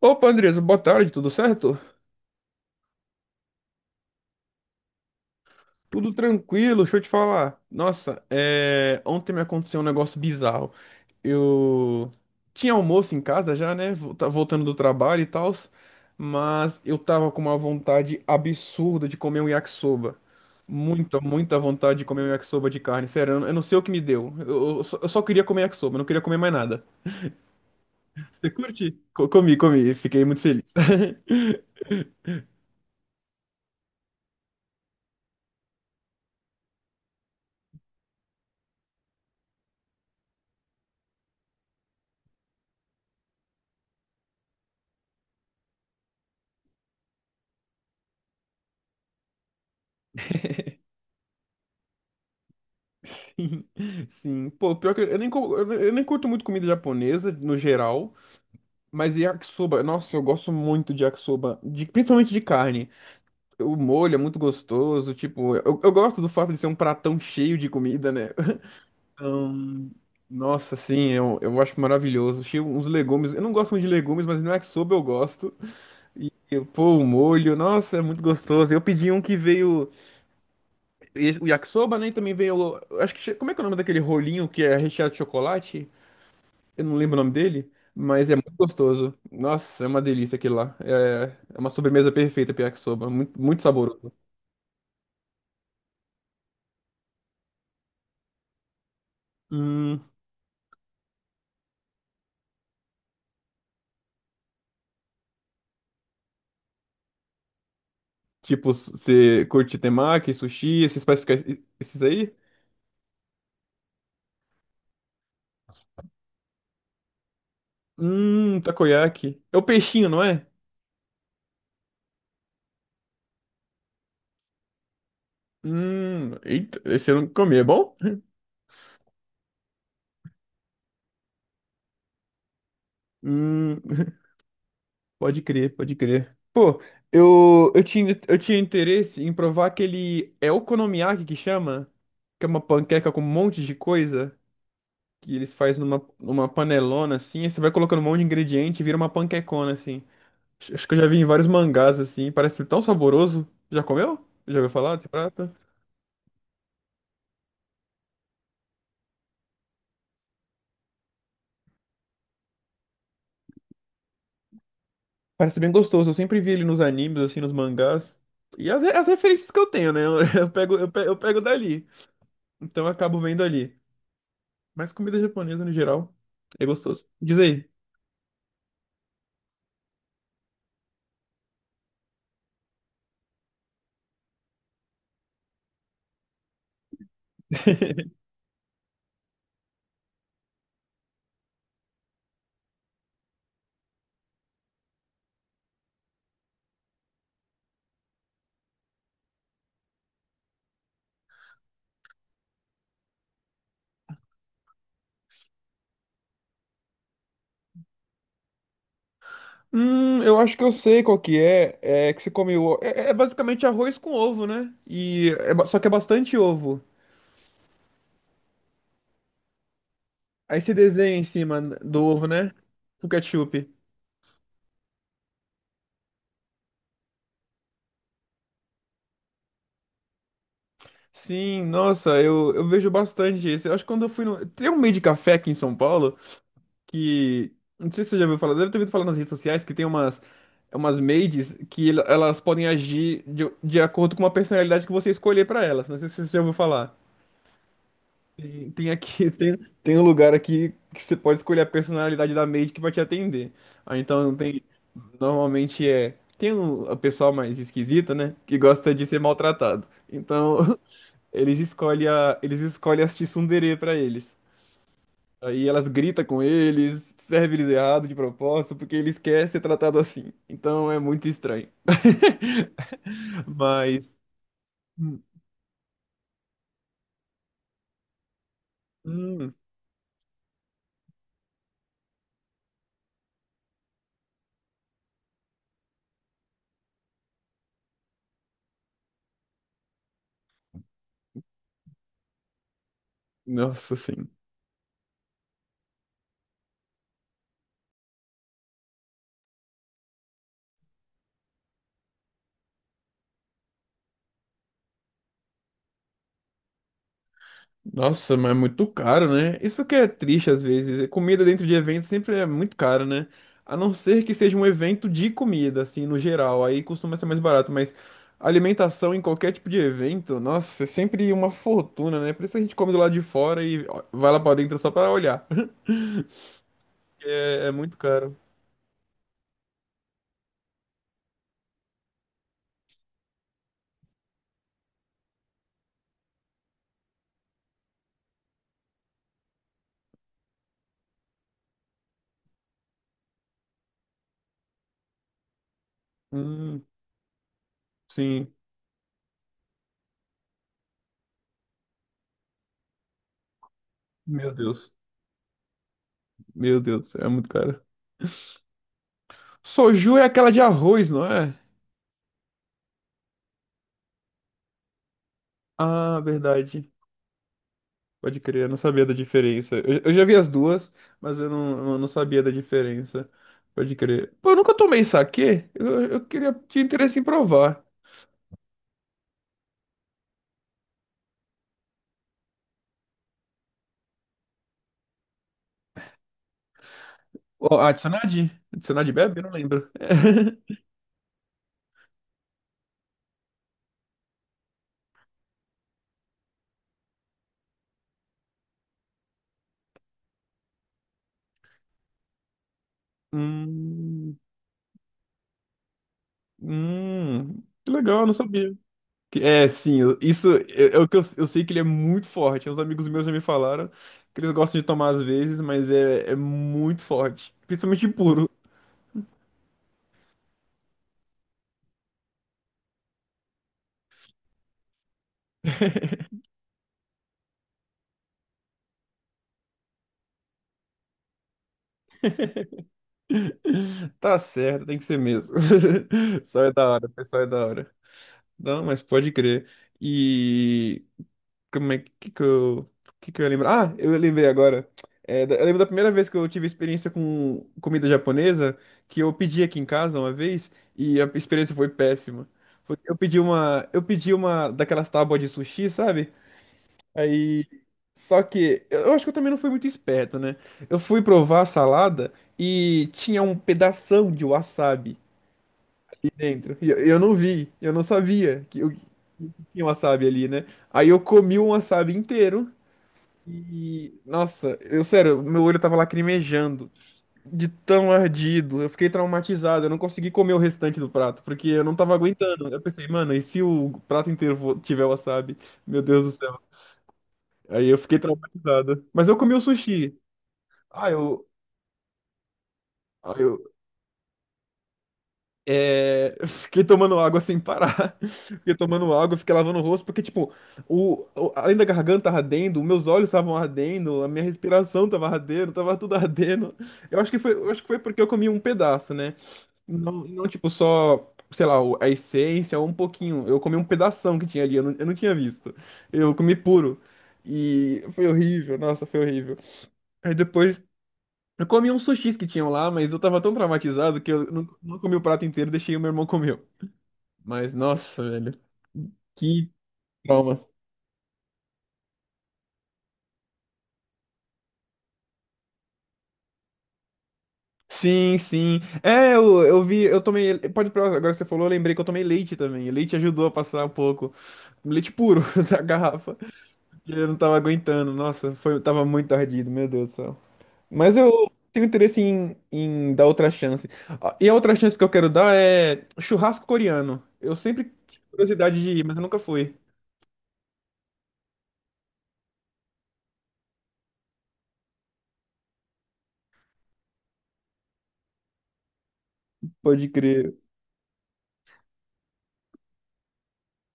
Opa, Andresa, boa tarde, tudo certo? Tudo tranquilo, deixa eu te falar. Nossa, ontem me aconteceu um negócio bizarro. Eu tinha almoço em casa já, né? Voltando do trabalho e tal, mas eu tava com uma vontade absurda de comer um yakisoba. Muita, muita vontade de comer um yakisoba de carne. Sério, eu não sei o que me deu. Eu só queria comer yakisoba, eu não queria comer mais nada. Você curte? Comi, comi, fiquei muito feliz. Sim, pô, pior que eu nem curto muito comida japonesa no geral, mas yakisoba, nossa, eu gosto muito de yakisoba, de, principalmente de carne. O molho é muito gostoso, tipo, eu gosto do fato de ser um pratão cheio de comida, né? Então, nossa, sim, eu acho maravilhoso. Cheio uns legumes, eu não gosto muito de legumes, mas no yakisoba eu gosto. Eu, pô, o molho, nossa, é muito gostoso. Eu pedi um que veio, o yakisoba, né, e também veio, eu acho que, como é que é o nome daquele rolinho que é recheado de chocolate? Eu não lembro o nome dele, mas é muito gostoso. Nossa, é uma delícia aquele lá. É, é uma sobremesa perfeita, yakisoba. Muito, muito saboroso. Hum, tipo, você curte temaki, sushi, esses aí? Takoyaki. É o peixinho, não é? Eita, esse eu não comi, é bom? Hum, pode crer, pode crer. Pô, eu tinha interesse em provar aquele. É okonomiyaki que chama? Que é uma panqueca com um monte de coisa. Que eles fazem numa panelona assim, aí você vai colocando um monte de ingrediente e vira uma panquecona assim. Acho que eu já vi em vários mangás assim, parece tão saboroso. Já comeu? Já ouviu falar desse prato? Parece bem gostoso, eu sempre vi ele nos animes assim, nos mangás. E as, as referências que eu tenho, né? Eu, eu pego dali. Então eu acabo vendo ali. Mas comida japonesa no geral é gostoso. Diz aí. Eu acho que eu sei qual que é. É que você come o... É, é basicamente arroz com ovo, né? E é só que é bastante ovo. Aí você desenha em cima do ovo, né? O ketchup. Sim, nossa, eu vejo bastante isso. Eu acho que quando eu fui no. Tem um meio de café aqui em São Paulo que. Não sei se você já ouviu falar, deve ter ouvido falar nas redes sociais que tem umas, umas maids que elas podem agir de acordo com uma personalidade que você escolher pra elas. Não sei se você já ouviu falar. Tem aqui, tem, tem um lugar aqui que você pode escolher a personalidade da maid que vai te atender. Ah, então tem, normalmente é, tem um, a pessoa mais esquisita, né, que gosta de ser maltratado. Então, eles escolhem a, eles escolhem as tsundere pra eles. Aí elas gritam com eles, servem eles errado de propósito, porque eles querem ser tratado assim. Então é muito estranho. Mas, hum, hum, nossa, sim. Nossa, mas é muito caro, né? Isso que é triste às vezes. Comida dentro de evento sempre é muito caro, né? A não ser que seja um evento de comida, assim, no geral. Aí costuma ser mais barato, mas alimentação em qualquer tipo de evento, nossa, é sempre uma fortuna, né? Por isso a gente come do lado de fora e ó, vai lá pra dentro só pra olhar. É, é muito caro. Hum, sim. Meu Deus. Meu Deus, é muito caro. Soju é aquela de arroz, não é? Ah, verdade. Pode crer, eu não sabia da diferença. Eu já vi as duas, mas eu não sabia da diferença. Pode crer. Pô, eu nunca tomei saquê. Eu queria, tinha interesse em provar. Ó, adicionar de? Adicionar de bebe? Eu não lembro. Hum, que legal, eu não sabia. É, sim, isso é, é o que eu sei que ele é muito forte. Uns amigos meus já me falaram que eles gostam de tomar às vezes, mas é, é muito forte. Principalmente puro. Tá certo, tem que ser mesmo. Só é da hora, pessoal é da hora. Não, mas pode crer. E como é que, que eu ia lembrar? Ah, eu lembrei agora. É, eu lembro da primeira vez que eu tive experiência com comida japonesa, que eu pedi aqui em casa uma vez e a experiência foi péssima. Eu pedi uma daquelas tábuas de sushi, sabe? Aí só que eu acho que eu também não fui muito esperto, né? Eu fui provar a salada e tinha um pedação de wasabi dentro. E eu não vi, eu não sabia que, que tinha um wasabi ali, né? Aí eu comi um wasabi inteiro e, nossa, eu sério, meu olho tava lacrimejando de tão ardido. Eu fiquei traumatizado, eu não consegui comer o restante do prato, porque eu não tava aguentando. Eu pensei, mano, e se o prato inteiro tiver wasabi? Meu Deus do céu. Aí eu fiquei traumatizado. Mas eu comi o sushi. Ah, eu, ah, eu É, eu fiquei tomando água sem parar. Fiquei tomando água, fiquei lavando o rosto, porque, tipo, o, além da garganta ardendo, meus olhos estavam ardendo, a minha respiração tava ardendo, tava tudo ardendo. Eu acho que foi porque eu comi um pedaço, né? Não, não tipo, só, sei lá, a essência, ou um pouquinho. Eu comi um pedação que tinha ali, eu não tinha visto. Eu comi puro. E foi horrível, nossa, foi horrível. Aí depois. Eu comi uns sushis que tinham lá, mas eu tava tão traumatizado que eu não, não comi o prato inteiro, deixei o meu irmão comer. Mas, nossa, velho, que trauma. Sim, sim. É, eu vi, eu tomei. Pode provar, agora que você falou, eu lembrei que eu tomei leite também. Leite ajudou a passar um pouco. Leite puro da garrafa. E eu não tava aguentando. Nossa, foi, tava muito ardido, meu Deus do céu. Mas eu tenho interesse em, em dar outra chance. Ah, e a outra chance que eu quero dar é churrasco coreano. Eu sempre tive curiosidade de ir, mas eu nunca fui. Pode crer.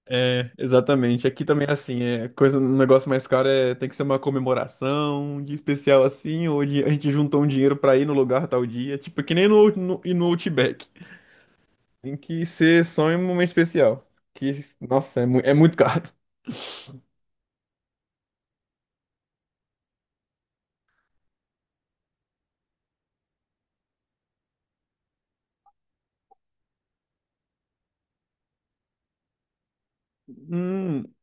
É, exatamente. Aqui também é assim, é coisa, um negócio mais caro é tem que ser uma comemoração, um dia especial assim, ou a gente juntou um dinheiro pra ir no lugar tal dia, tipo, é que nem no no Outback. Tem que ser só em um momento especial. Que, nossa, é, é muito caro. Hum,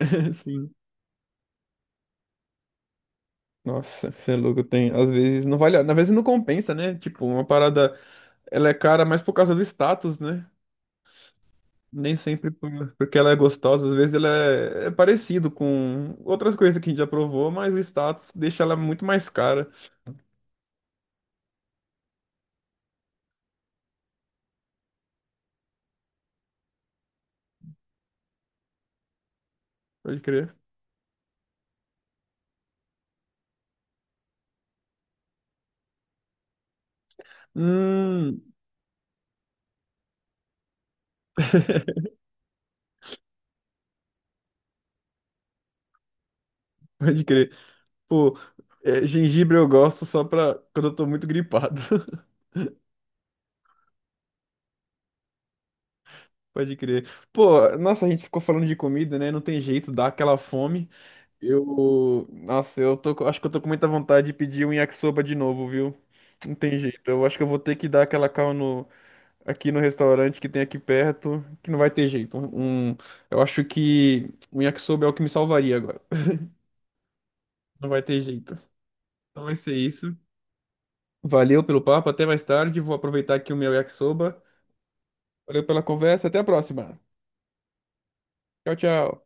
sim. Nossa, você é louco, tem. Às vezes não vale, às vezes não compensa, né? Tipo, uma parada, ela é cara mais por causa do status, né? Nem sempre porque ela é gostosa, às vezes ela é, é parecido com outras coisas que a gente já provou, mas o status deixa ela muito mais cara. Pode crer. Hum, pode crer. Pô, é, gengibre eu gosto só pra quando eu tô muito gripado. Pode crer. Pô, nossa, a gente ficou falando de comida, né? Não tem jeito, dá aquela fome. Eu, nossa, eu tô, acho que eu tô com muita vontade de pedir um yakisoba de novo, viu? Não tem jeito. Eu acho que eu vou ter que dar aquela calma aqui no restaurante que tem aqui perto, que não vai ter jeito. Eu acho que um yakisoba é o que me salvaria agora. Não vai ter jeito. Então vai ser isso. Valeu pelo papo, até mais tarde. Vou aproveitar aqui o meu yakisoba. Valeu pela conversa, até a próxima. Tchau, tchau.